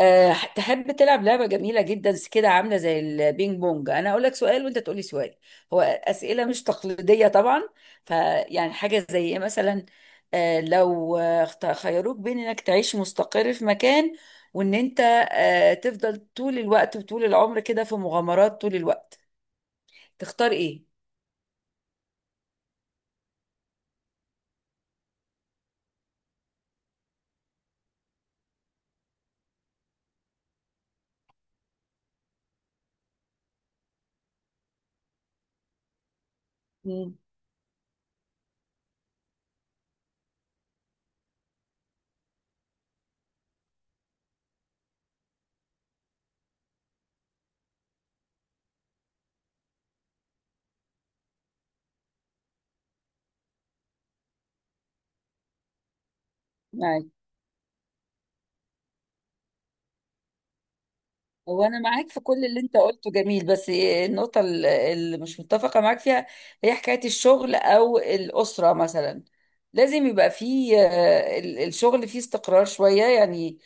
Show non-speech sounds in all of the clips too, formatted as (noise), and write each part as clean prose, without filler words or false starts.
تحب تلعب لعبة جميلة جدا كده عاملة زي البينج بونج؟ أنا أقول لك سؤال وأنت تقولي سؤال. هو أسئلة مش تقليدية طبعا. فيعني حاجة زي إيه مثلا؟ لو خيروك بين إنك تعيش مستقر في مكان، وإن أنت تفضل طول الوقت وطول العمر كده في مغامرات طول الوقت، تختار إيه؟ مم. هو انا معاك في كل اللي انت قلته، جميل، بس النقطه اللي مش متفقه معاك فيها هي حكايه الشغل او الاسره مثلا. لازم يبقى فيه الشغل فيه استقرار شويه يعني.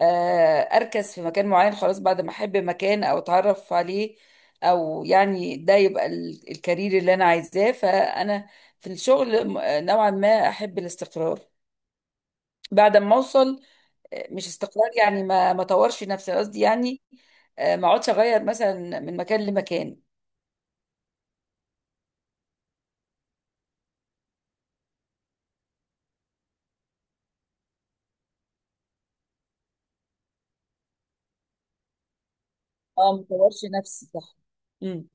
اركز في مكان معين، خلاص، بعد ما احب مكان او اتعرف عليه، او يعني ده يبقى الكارير اللي انا عايزاه. فانا في الشغل نوعا ما احب الاستقرار بعد ما اوصل. مش استقرار يعني ما طورش نفسي، قصدي يعني ما اقعدش اغير مثلا من مكان لمكان. اه، ما طورش نفسي، صح. امم.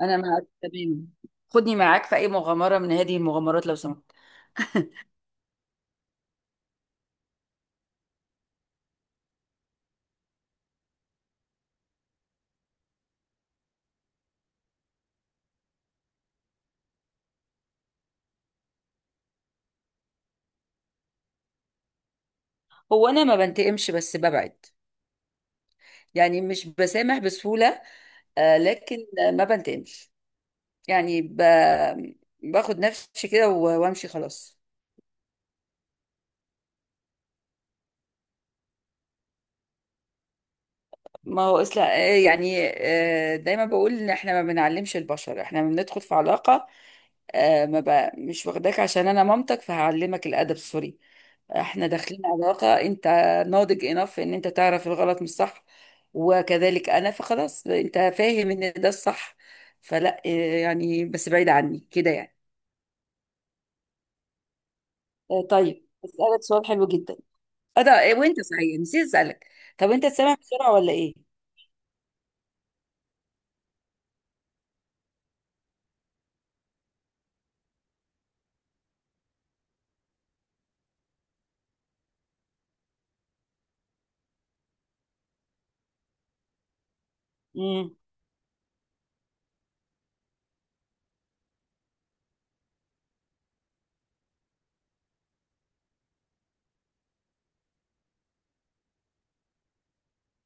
انا معاك تمام. خدني معاك في اي مغامره من هذه المغامرات لو سمحت. هو انا ما بنتقمش بس ببعد، يعني مش بسامح بسهوله. لكن ما بنتقمش، يعني ب... باخد نفسي كده وامشي خلاص. ما هو اصلا دايما بقول ان احنا ما بنعلمش البشر. احنا بندخل في علاقة، ما بقى مش واخداك عشان انا مامتك فهعلمك الادب، سوري. احنا داخلين علاقة، انت ناضج انف ان انت تعرف الغلط من الصح، وكذلك انا. فخلاص، انت فاهم ان ده الصح، فلا يعني بس بعيد عني كده يعني. طيب، اسالك سؤال حلو جدا. اه، ده وانت صحيح نسيت اسالك، طب انت سامع بسرعة ولا ايه؟ امم.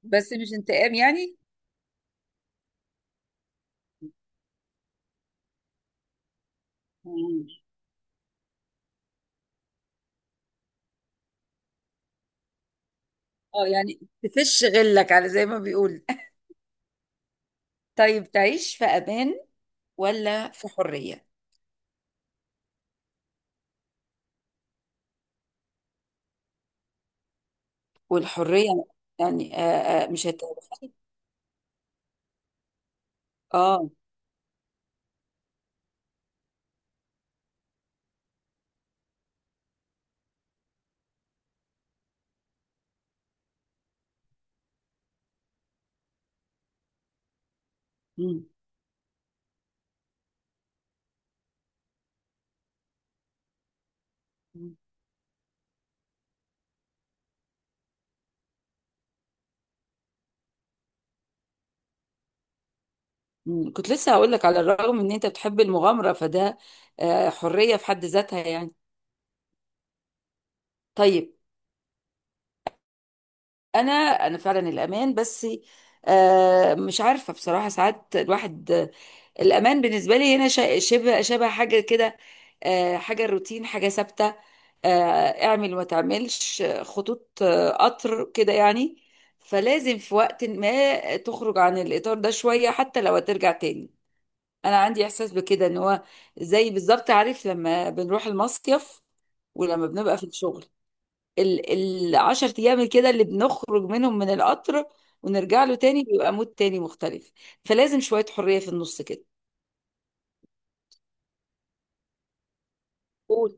بس مش انتقام يعني. مم. اه، يعني تفش غلك على زي ما بيقول. (laughs) طيب، تعيش في امان ولا في حريه؟ والحريه يعني مش هتبقى. اه. مم. مم. كنت لسه هقول لك، على الرغم ان انت بتحب المغامره، فده حريه في حد ذاتها يعني. طيب، انا انا فعلا الامان، بس مش عارفه بصراحه، ساعات الواحد الامان بالنسبه لي هنا شبه حاجه كده، حاجه روتين، حاجه ثابته، اعمل وما تعملش، خطوط قطر كده يعني. فلازم في وقت ما تخرج عن الاطار ده شويه، حتى لو هترجع تاني. انا عندي احساس بكده، ان هو زي بالظبط، عارف لما بنروح المصيف ولما بنبقى في الشغل، ال العشر ايام كده اللي بنخرج منهم من القطر ونرجع له تاني، بيبقى مود تاني مختلف. فلازم شوية حرية في النص كده. قول.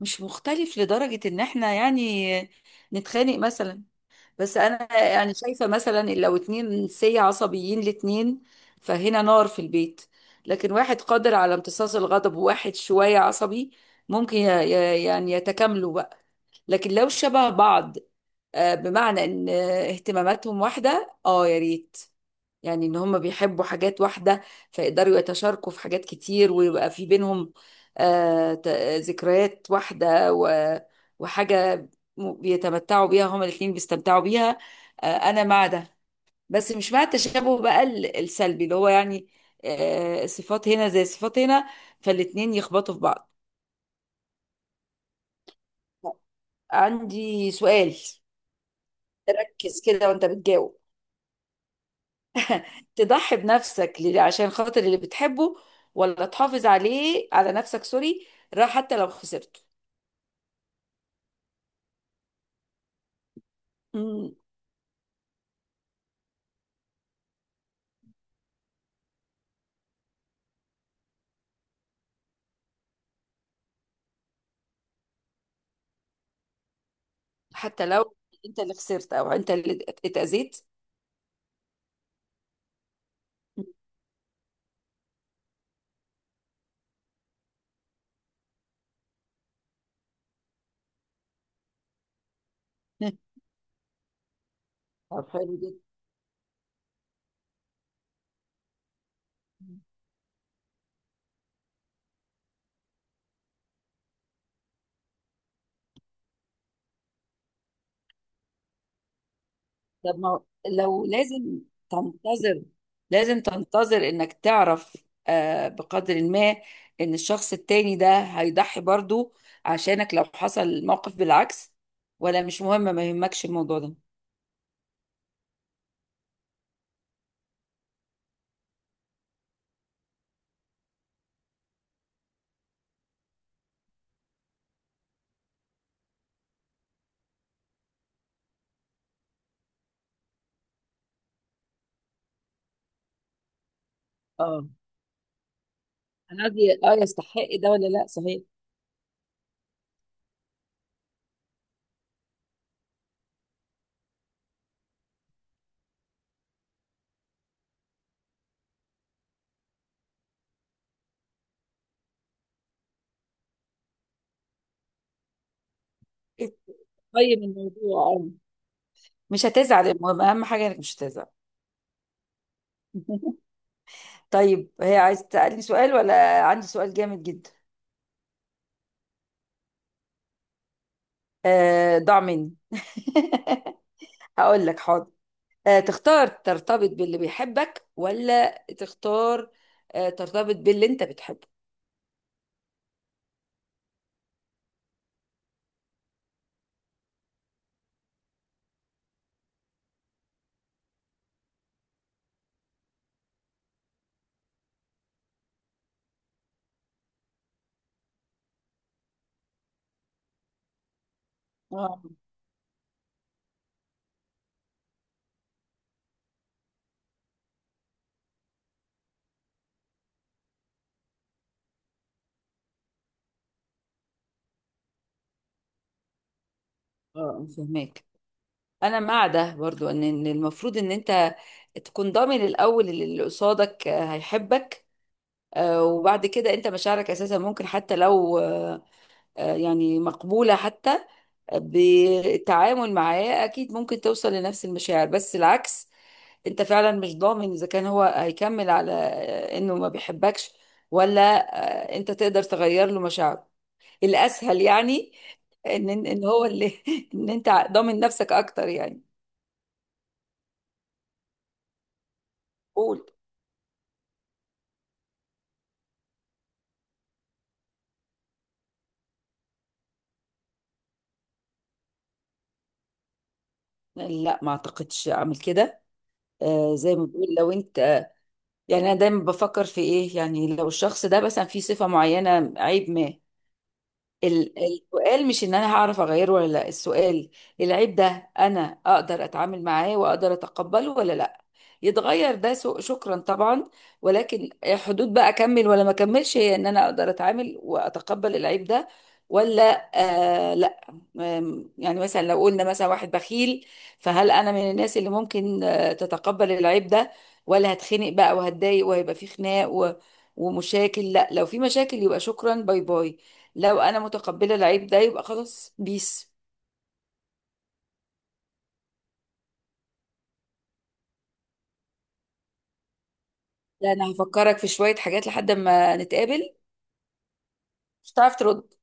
مش مختلف لدرجة ان احنا يعني نتخانق مثلا، بس انا يعني شايفة مثلا إن لو اتنين سي عصبيين الاتنين، فهنا نار في البيت. لكن واحد قادر على امتصاص الغضب وواحد شوية عصبي، ممكن يعني يتكاملوا بقى. لكن لو شبه بعض بمعنى ان اهتماماتهم واحدة، اه، يا ريت، يعني ان هم بيحبوا حاجات واحدة فيقدروا يتشاركوا في حاجات كتير، ويبقى في بينهم آه، ت- ذكريات واحدة وحاجة بيتمتعوا بيها هما الاتنين، بيستمتعوا بيها. انا مع ده، بس مش مع التشابه بقى السلبي اللي هو يعني صفات هنا زي صفات هنا، فالاتنين يخبطوا في بعض. عندي سؤال. تركز كده وانت بتجاوب، تضحي بنفسك عشان خاطر اللي بتحبه، ولا تحافظ عليه، على نفسك، سوري، راح حتى لو خسرته؟ مم. حتى لو انت اللي خسرت، او انت اللي اتأذيت؟ (laughs) مم. طب حلو جدا. طب، ما لو لازم تنتظر، لازم تنتظر انك تعرف، آه بقدر ما، ان الشخص التاني ده هيضحي برضو عشانك لو حصل موقف بالعكس، ولا مش مهم، ما يهمكش الموضوع ده؟ اه. انا قصدي اه يستحق ده ولا لا، صحيح. قيم الموضوع، اه. مش هتزعل، المهم، اهم حاجه انك مش هتزعل. (laughs) طيب، هي عايز تسالني سؤال؟ ولا عندي سؤال جامد جدا، ضاع مني. (laughs) هقول لك، حاضر. تختار ترتبط باللي بيحبك، ولا تختار ترتبط باللي انت بتحبه؟ اه. اه، فهمك. انا مع ده برضو، إن المفروض ان انت تكون ضامن الاول اللي قصادك هيحبك، وبعد كده انت مشاعرك اساسا ممكن حتى لو يعني مقبولة. حتى بالتعامل معاه اكيد ممكن توصل لنفس المشاعر، بس العكس انت فعلا مش ضامن اذا كان هو هيكمل على انه ما بيحبكش، ولا انت تقدر تغير له مشاعره. الاسهل يعني ان هو اللي (laughs) ان انت ضامن نفسك اكتر يعني. قول. لا، ما اعتقدش اعمل كده. زي ما بقول، لو انت، يعني انا دايما بفكر في ايه، يعني لو الشخص ده مثلا فيه صفة معينة عيب ما، السؤال مش ان انا هعرف اغيره ولا لا، السؤال العيب ده انا اقدر اتعامل معاه واقدر اتقبله ولا لا. يتغير ده شكرا طبعا، ولكن حدود بقى اكمل ولا ما اكملش، هي ان انا اقدر اتعامل واتقبل العيب ده ولا. آه لا. يعني مثلا لو قلنا مثلا واحد بخيل، فهل انا من الناس اللي ممكن تتقبل العيب ده، ولا هتخنق بقى وهتضايق وهيبقى في خناق ومشاكل؟ لا، لو في مشاكل يبقى شكرا، باي باي. لو انا متقبله العيب ده يبقى خلاص، بيس. لا، انا هفكرك في شويه حاجات لحد ما نتقابل. مش هتعرف ترد.